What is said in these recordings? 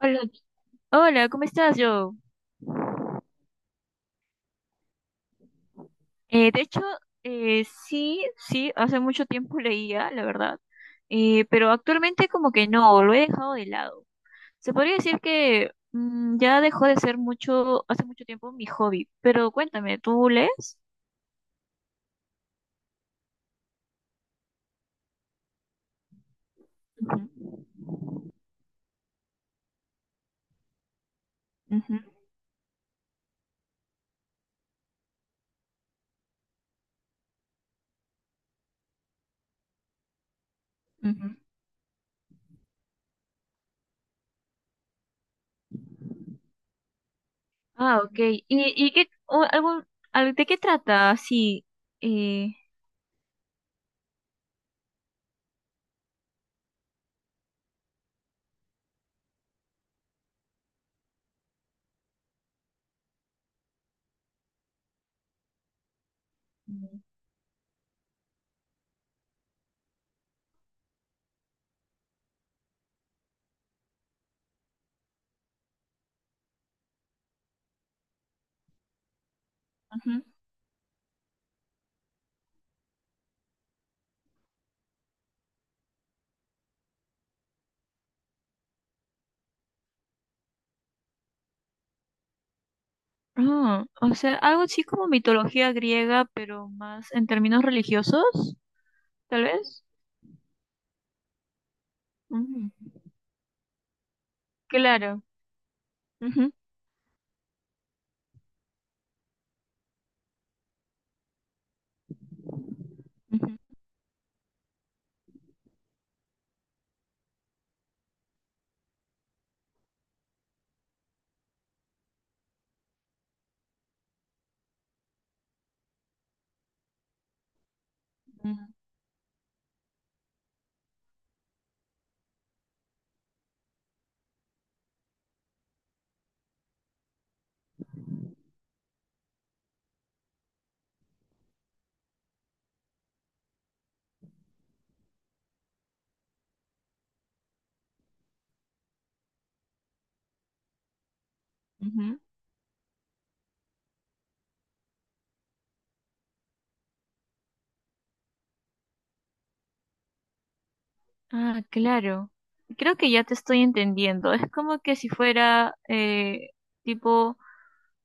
Hola, hola, ¿cómo estás, yo? De hecho, sí, sí, hace mucho tiempo leía, la verdad, pero actualmente como que no, lo he dejado de lado. Se podría decir que ya dejó de ser mucho, hace mucho tiempo mi hobby, pero cuéntame, ¿tú lees? Ujú, ujú, ujú. Ah, ok. ¿Y qué, o de qué trata? Sí. Eh, ujú. Ah, o sea, algo así como mitología griega, pero más en términos religiosos, tal vez. Ujú, claro. Ujú, ujú, ujú, ujú. Ah, claro. Creo que ya te estoy entendiendo. Es como que si fuera, tipo,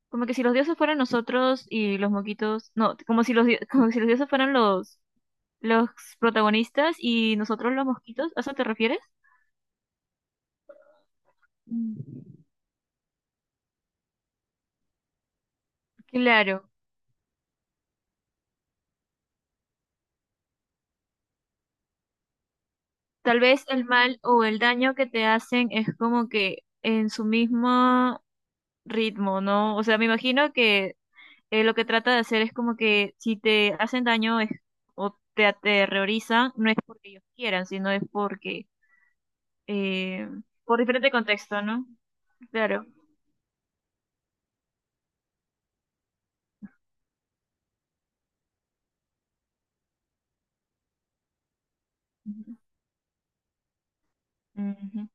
como que si los dioses fueran nosotros y los moquitos, no, como si como si los dioses fueran los protagonistas y nosotros los mosquitos. ¿A eso te refieres? Mm. Claro, tal vez el mal o el daño que te hacen es como que en su mismo ritmo, ¿no? O sea, me imagino que lo que trata de hacer es como que si te hacen daño es- o te aterrorizan, no es porque ellos quieran, sino es porque, eh, por diferente contexto, ¿no? Claro. Ujú, ujú,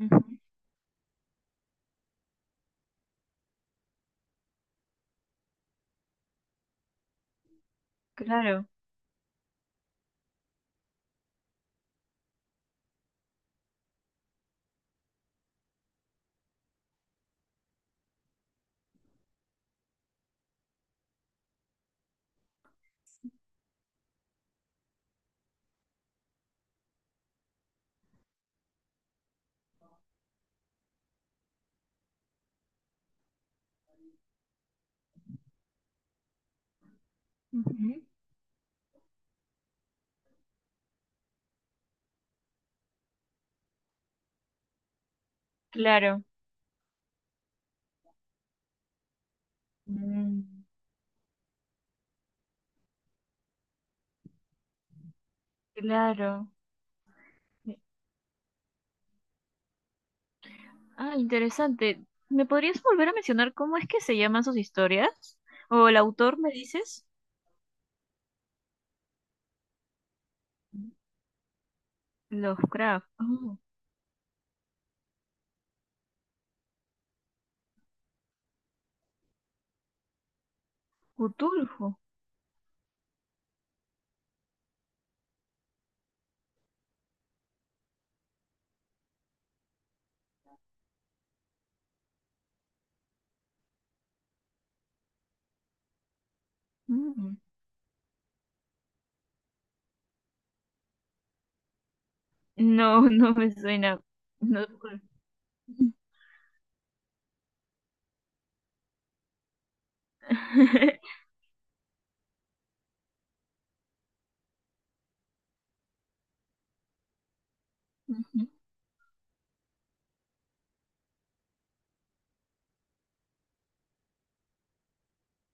ujú. Claro. Ujú. Claro. Mm, claro. Sí. Ah, interesante. ¿Me podrías volver a mencionar cómo es que se llaman sus historias? ¿O el autor me dices? Lovecraft. Oh, Cthulhu. No, no me suena. No.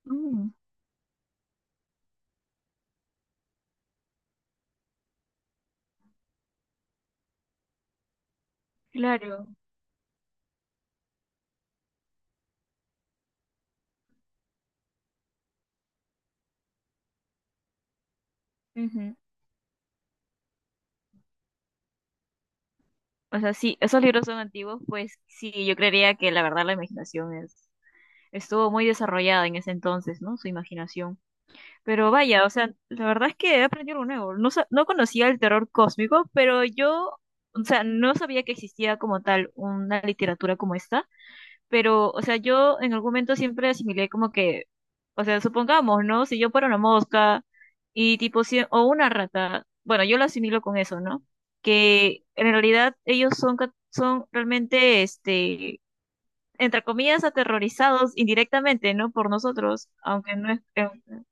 Mm, claro. Ujú. O sea, sí, esos libros son antiguos, pues sí, yo creería que la verdad la imaginación es, estuvo muy desarrollada en ese entonces, ¿no? Su imaginación. Pero vaya, o sea, la verdad es que he aprendido algo nuevo. No, no conocía el terror cósmico, pero yo, o sea, no sabía que existía como tal una literatura como esta. Pero, o sea, yo en algún momento siempre asimilé como que, o sea, supongamos, ¿no? Si yo fuera una mosca y tipo, o una rata, bueno, yo lo asimilo con eso, ¿no? Que en realidad ellos son, son realmente, este, entre comillas, aterrorizados indirectamente, ¿no? Por nosotros, aunque no es,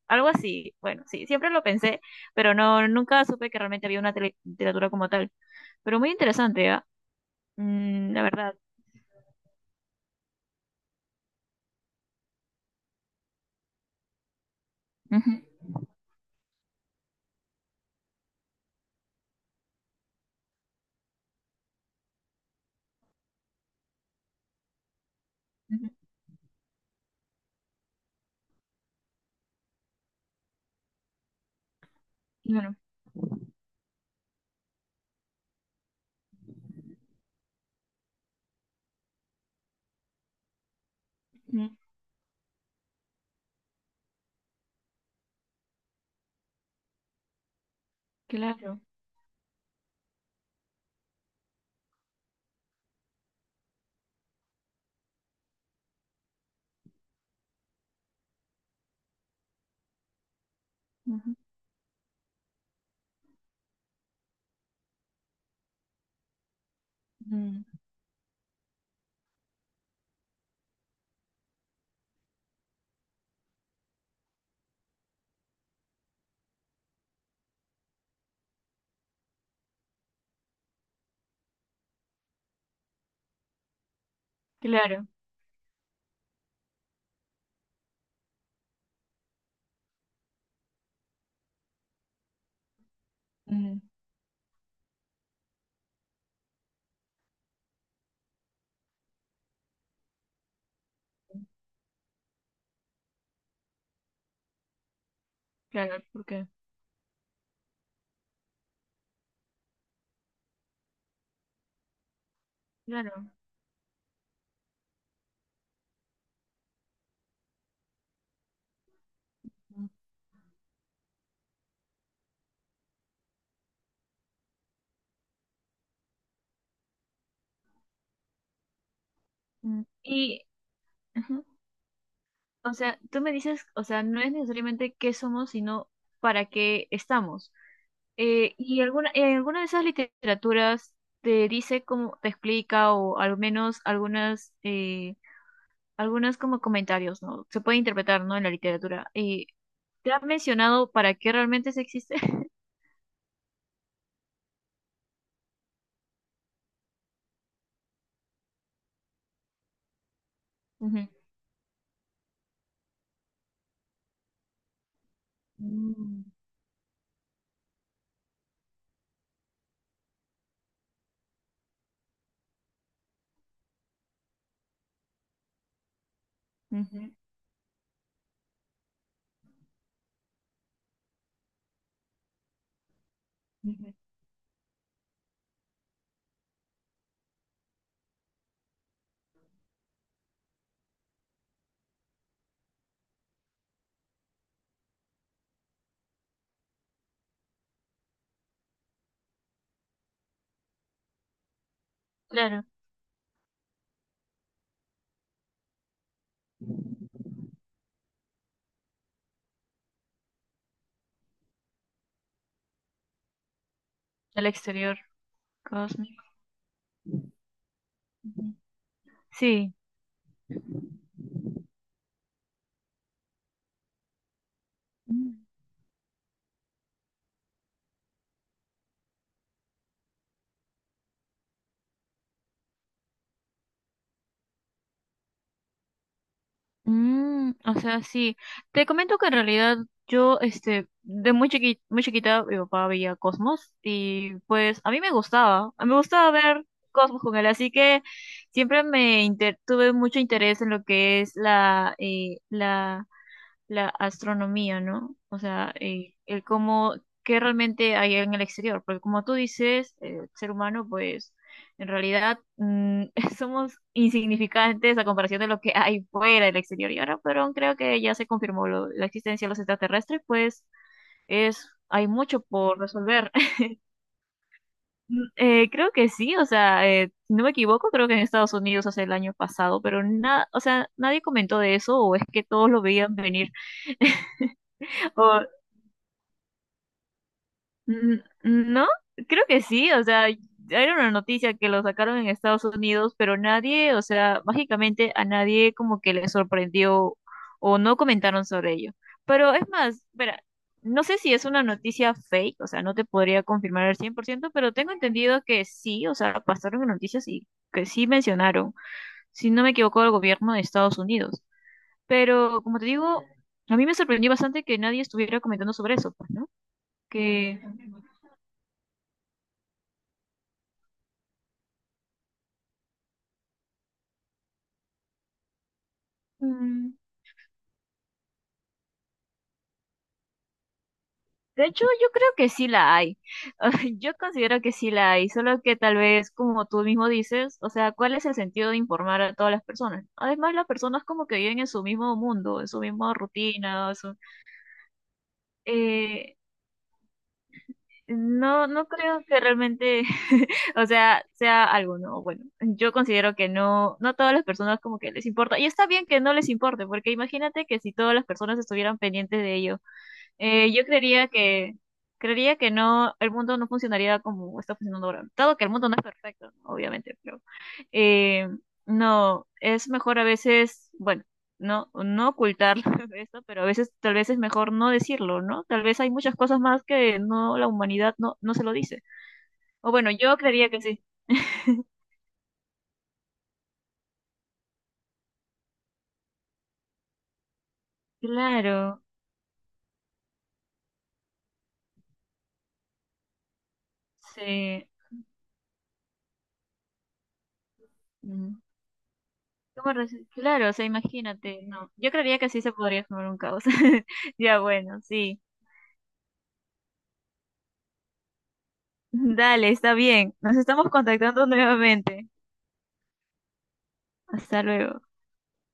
algo así. Bueno, sí, siempre lo pensé, pero no, nunca supe que realmente había una literatura como tal. Pero muy interesante, ¿ah? Mm, la verdad. Ujú, ujú. Claro, ujú, claro. Ujú. Mm, claro, mm, claro, porque, claro. Mm, mm. Y, ujú, o sea, tú me dices, o sea, no es necesariamente qué somos, sino para qué estamos. Y alguna, en alguna de esas literaturas te dice cómo te explica, o al menos algunas, algunos como comentarios, ¿no? Se puede interpretar, ¿no? En la literatura. Y ¿te han mencionado para qué realmente se existe? Ujú. Mm, ujú, ujú. Claro, al exterior. Cósmico. Sí. Mm, mm, o sea, sí. Te comento que en realidad yo, de muy chiquita, mi papá veía Cosmos y pues a mí me gustaba, a mí me gustaba ver Cosmos con él, así que siempre tuve mucho interés en lo que es la astronomía, ¿no? O sea, el cómo, qué realmente hay en el exterior, porque como tú dices, el ser humano, pues en realidad somos insignificantes a comparación de lo que hay fuera del exterior. Y ahora, pero creo que ya se confirmó la existencia de los extraterrestres, pues es, hay mucho por resolver. Mm, creo que sí, o sea, si no me equivoco, creo que en Estados Unidos hace el año pasado, pero nada, o sea, nadie comentó de eso, o es que todos lo veían venir. Mm, no, creo que sí, o sea, era una noticia que lo sacaron en Estados Unidos, pero nadie, o sea, mágicamente a nadie como que le sorprendió o no comentaron sobre ello. Pero es más, espera, no sé si es una noticia fake, o sea, no te podría confirmar al 100%, pero tengo entendido que sí, o sea, pasaron en noticias y que sí mencionaron, si no me equivoco, el gobierno de Estados Unidos. Pero como te digo, a mí me sorprendió bastante que nadie estuviera comentando sobre eso, pues, ¿no? Que... De hecho, yo creo que sí la hay. Yo considero que sí la hay, solo que tal vez, como tú mismo dices, o sea, ¿cuál es el sentido de informar a todas las personas? Además, las personas como que viven en su mismo mundo, en su misma rutina, en eh, no, no creo que realmente, o sea, sea algo, ¿no? Bueno, yo considero que no, no a todas las personas como que les importa. Y está bien que no les importe, porque imagínate que si todas las personas estuvieran pendientes de ello. Yo creería que no, el mundo no funcionaría como está funcionando ahora. Dado que el mundo no es perfecto, ¿no? Obviamente, pero eh, no, es mejor a veces, bueno, no, no ocultar esto, pero a veces tal vez es mejor no decirlo, ¿no? Tal vez hay muchas cosas más que no, la humanidad no, no se lo dice. O bueno, yo creería que sí. Claro, sí. Mm. Claro, o sea, imagínate, no. Yo creería que sí se podría formar un caos. Ya, bueno, sí. Dale, está bien. Nos estamos contactando nuevamente. Hasta luego.